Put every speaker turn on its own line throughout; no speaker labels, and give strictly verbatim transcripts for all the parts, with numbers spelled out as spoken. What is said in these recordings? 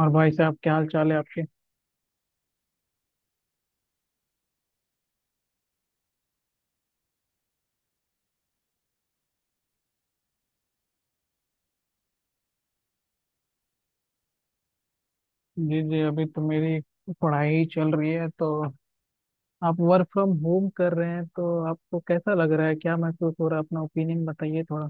और भाई साहब क्या हाल चाल है आपके। जी जी अभी तो मेरी पढ़ाई ही चल रही है तो आप वर्क फ्रॉम होम कर रहे हैं तो आपको कैसा लग रहा है, क्या महसूस हो रहा है? अपना ओपिनियन बताइए थोड़ा।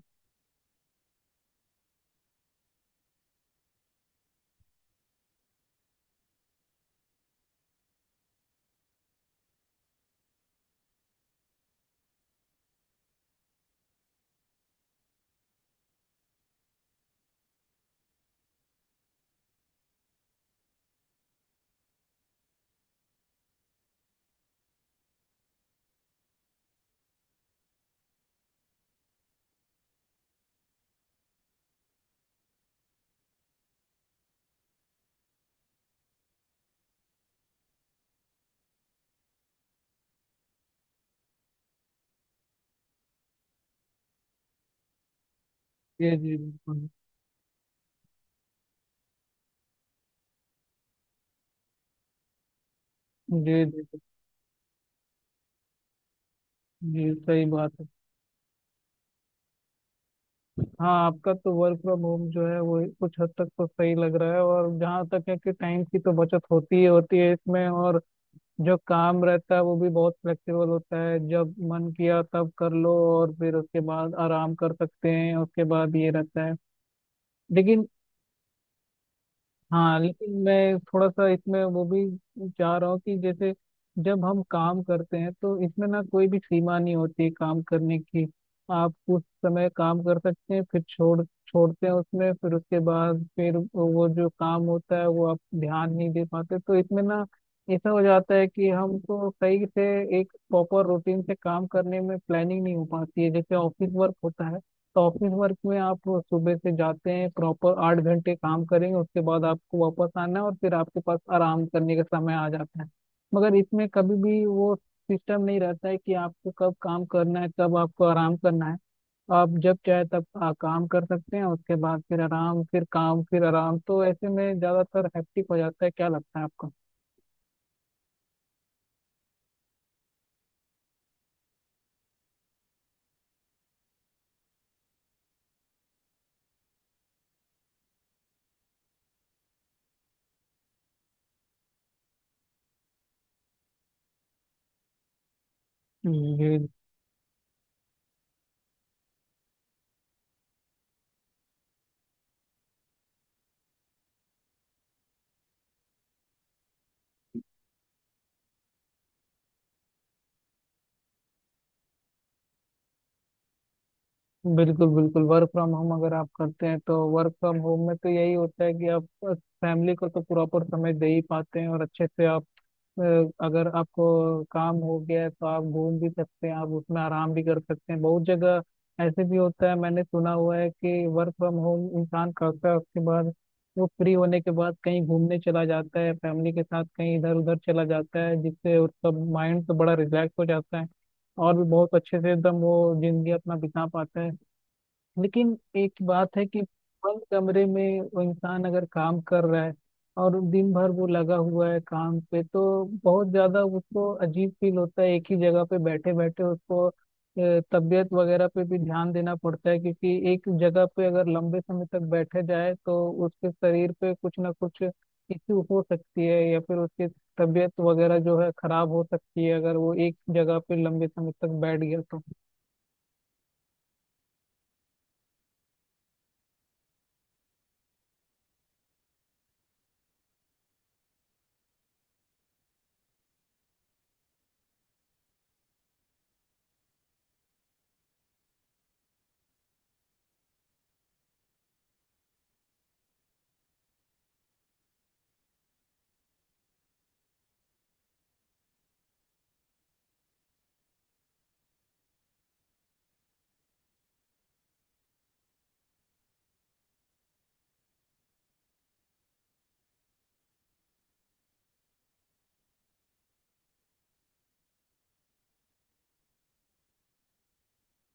जी जी बिल्कुल। जी जी जी जी, सही बात है। हाँ, आपका तो वर्क फ्रॉम होम जो है वो कुछ हद तक तो सही लग रहा है, और जहाँ तक है कि टाइम की तो बचत होती ही होती है इसमें, और जो काम रहता है वो भी बहुत फ्लेक्सिबल होता है। जब मन किया तब कर लो और फिर उसके बाद आराम कर सकते हैं, उसके बाद ये रहता है। लेकिन हाँ, लेकिन मैं थोड़ा सा इसमें वो भी चाह रहा हूँ कि जैसे जब हम काम करते हैं तो इसमें ना कोई भी सीमा नहीं होती है काम करने की। आप उस समय काम कर सकते हैं, फिर छोड़ छोड़ते हैं उसमें, फिर उसके बाद फिर वो जो काम होता है वो आप ध्यान नहीं दे पाते, तो इसमें ना ऐसा हो जाता है कि हमको सही से एक प्रॉपर रूटीन से काम करने में प्लानिंग नहीं हो पाती है, जैसे ऑफिस वर्क होता है। तो ऑफिस वर्क में आप सुबह से जाते हैं, प्रॉपर आठ घंटे काम करेंगे, उसके बाद आपको वापस आना है और फिर आपके पास आराम करने का समय आ जाता है। मगर इसमें कभी भी वो सिस्टम नहीं रहता है कि आपको कब काम करना है, कब आपको आराम करना है। आप जब चाहे तब आ, काम कर सकते हैं, उसके बाद फिर आराम, फिर काम, फिर आराम, तो ऐसे में ज्यादातर हैप्टिक हो जाता है। क्या लगता है आपको? जी, बिल्कुल बिल्कुल, वर्क फ्रॉम होम अगर आप करते हैं तो वर्क फ्रॉम होम में तो यही होता है कि आप फैमिली को तो प्रॉपर समय दे ही पाते हैं, और अच्छे से आप अ, अगर आपको काम हो गया है तो आप घूम भी सकते हैं, आप उसमें आराम भी कर सकते हैं। बहुत जगह ऐसे भी होता है, मैंने सुना हुआ है कि वर्क फ्रॉम होम इंसान करता है, उसके बाद वो फ्री होने के बाद कहीं घूमने चला जाता है फैमिली के साथ, कहीं इधर उधर चला जाता है, जिससे उसका माइंड तो बड़ा रिलैक्स हो जाता है और भी बहुत अच्छे से एकदम वो जिंदगी अपना बिता पाता है। लेकिन एक बात है कि बंद कमरे में वो इंसान अगर काम कर रहा है और दिन भर वो लगा हुआ है काम पे, तो बहुत ज्यादा उसको अजीब फील होता है। एक ही जगह पे बैठे बैठे उसको अ, तबीयत वगैरह पे भी ध्यान देना पड़ता है, क्योंकि एक जगह पे अगर लंबे समय तक बैठे जाए तो उसके शरीर पे कुछ ना कुछ इश्यू हो सकती है, या फिर उसकी तबीयत वगैरह जो है खराब हो सकती है अगर वो एक जगह पे लंबे समय तक बैठ गया तो।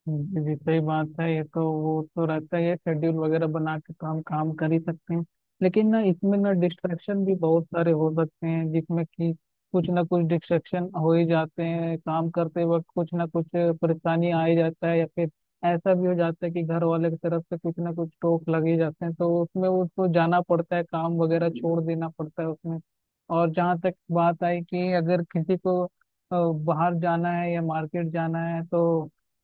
जी जी, सही बात है, ये तो वो तो रहता ही है, शेड्यूल वगैरह बना के तो हम काम कर ही सकते हैं। लेकिन ना इसमें ना डिस्ट्रैक्शन भी बहुत सारे हो सकते हैं, जिसमें कि कुछ ना कुछ डिस्ट्रैक्शन हो ही जाते हैं काम करते वक्त, कुछ ना कुछ परेशानी आ ही जाता है, या फिर ऐसा भी हो जाता है कि घर वाले की तरफ से कुछ ना कुछ टोक लग ही जाते हैं, तो उसमें उसको जाना पड़ता है, काम वगैरह छोड़ देना पड़ता है उसमें। और जहाँ तक बात आई कि अगर किसी को अ, बाहर जाना है या मार्केट जाना है, तो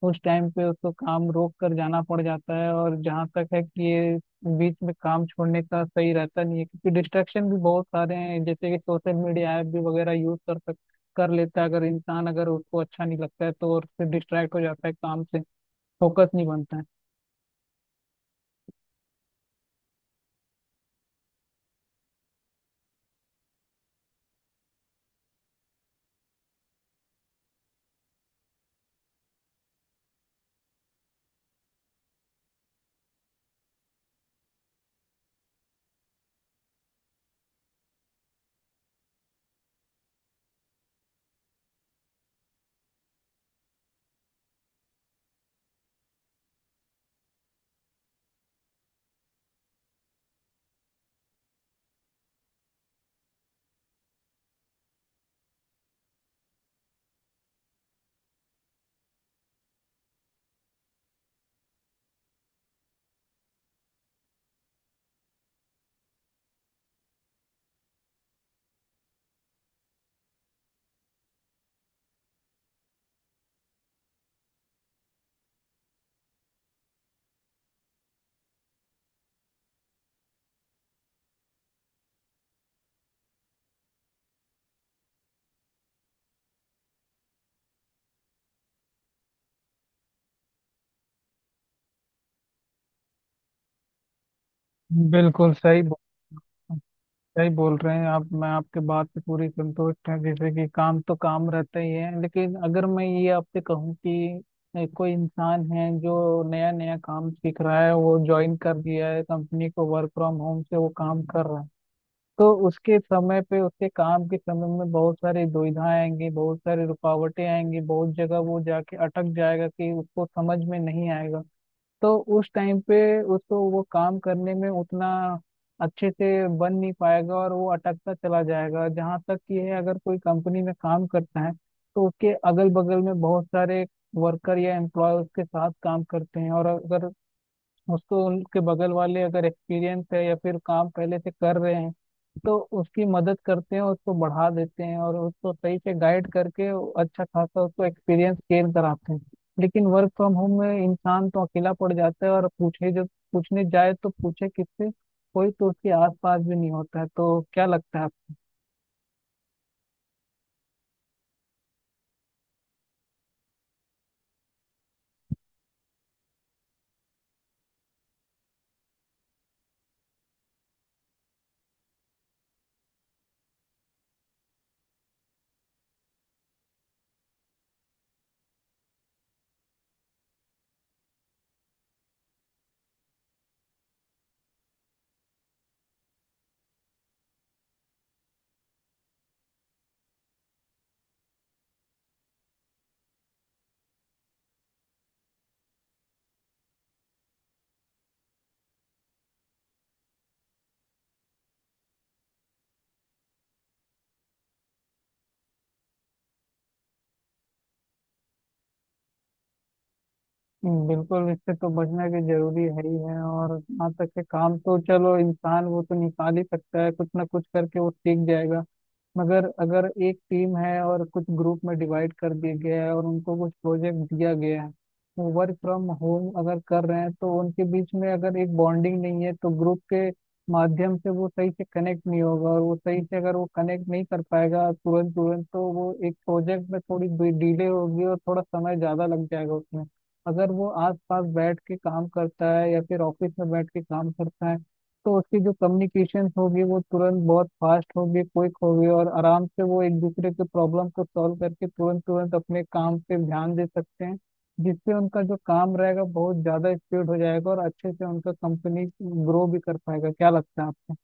उस टाइम पे उसको काम रोक कर जाना पड़ जाता है। और जहाँ तक है कि ये बीच में काम छोड़ने का सही रहता नहीं है, क्योंकि डिस्ट्रैक्शन भी बहुत सारे हैं, जैसे कि सोशल मीडिया ऐप भी वगैरह यूज कर सक कर लेता है अगर इंसान, अगर उसको अच्छा नहीं लगता है तो, और फिर डिस्ट्रैक्ट हो जाता है काम से, फोकस नहीं बनता है। बिल्कुल सही बोला, सही बोल रहे हैं आप, मैं आपके बात से पूरी संतुष्ट है। जैसे कि काम तो काम रहता ही है, लेकिन अगर मैं ये आपसे कहूँ कि ए, कोई इंसान है जो नया नया काम सीख रहा है, वो ज्वाइन कर दिया है कंपनी को, वर्क फ्रॉम होम से वो काम कर रहा है, तो उसके समय पे उसके काम के समय में बहुत सारी दुविधाएं आएंगी, बहुत सारी रुकावटें आएंगी, बहुत जगह वो जाके अटक जाएगा कि उसको समझ में नहीं आएगा। तो उस टाइम पे उसको वो काम करने में उतना अच्छे से बन नहीं पाएगा और वो अटकता चला जाएगा। जहाँ तक कि है, अगर कोई कंपनी में काम करता है तो उसके अगल बगल में बहुत सारे वर्कर या एम्प्लॉय उसके साथ काम करते हैं, और अगर उसको उनके बगल वाले अगर एक्सपीरियंस है या फिर काम पहले से कर रहे हैं तो उसकी मदद करते हैं, उसको बढ़ा देते हैं और उसको सही से गाइड करके अच्छा खासा उसको एक्सपीरियंस गेन कराते हैं। लेकिन वर्क फ्रॉम होम में इंसान तो अकेला पड़ जाता है, और पूछे जब पूछने जाए तो पूछे किससे, कोई तो उसके आसपास भी नहीं होता है। तो क्या लगता है आपको? हम्म, बिल्कुल, इससे तो बचना भी जरूरी है ही है। और यहाँ तक के काम, तो चलो इंसान वो तो निकाल ही सकता है, कुछ ना कुछ करके वो सीख जाएगा। मगर अगर एक टीम है और कुछ ग्रुप में डिवाइड कर दिया गया है और उनको कुछ प्रोजेक्ट दिया गया है, वो वर्क फ्रॉम होम अगर कर रहे हैं तो उनके बीच में अगर एक बॉन्डिंग नहीं है तो ग्रुप के माध्यम से वो सही से कनेक्ट नहीं होगा, और वो सही से अगर वो कनेक्ट नहीं कर पाएगा तुरंत तुरंत, तो वो एक प्रोजेक्ट में थोड़ी डिले होगी और थोड़ा समय ज़्यादा लग जाएगा उसमें। अगर वो आस पास बैठ के काम करता है या फिर ऑफिस में बैठ के काम करता है तो उसकी जो कम्युनिकेशन होगी वो तुरंत बहुत फास्ट होगी, क्विक होगी, और आराम से वो एक दूसरे के प्रॉब्लम को सॉल्व करके तुरंत तुरंत अपने काम पे ध्यान दे सकते हैं, जिससे उनका जो काम रहेगा बहुत ज्यादा स्पीड हो जाएगा और अच्छे से उनका कंपनी ग्रो भी कर पाएगा। क्या लगता है आपको?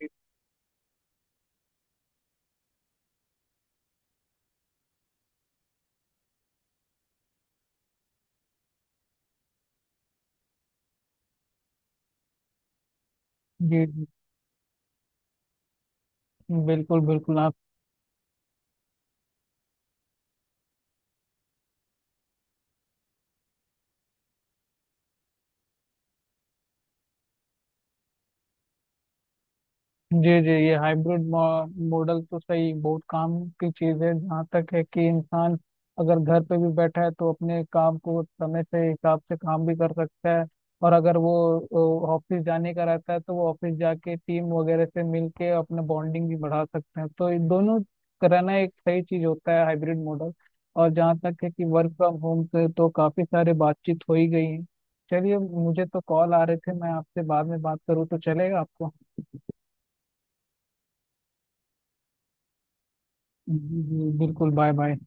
जी। जी जी, बिल्कुल बिल्कुल आप। जी जी, ये हाइब्रिड मॉडल तो सही बहुत काम की चीज है। जहाँ तक है कि इंसान अगर घर पे भी बैठा है तो अपने काम को समय से हिसाब से काम भी कर सकता है, और अगर वो वो ऑफिस जाने का रहता है तो वो ऑफिस जाके टीम वगैरह से मिलके अपना बॉन्डिंग भी बढ़ा सकते हैं। तो ये दोनों कराना एक सही चीज होता है, हाइब्रिड मॉडल। और जहाँ तक है कि वर्क फ्रॉम होम से तो काफी सारे बातचीत हो ही गई है। चलिए, मुझे तो कॉल आ रहे थे, मैं आपसे बाद में बात करूँ तो चलेगा आपको? जी, जी, बिल्कुल, बाय बाय।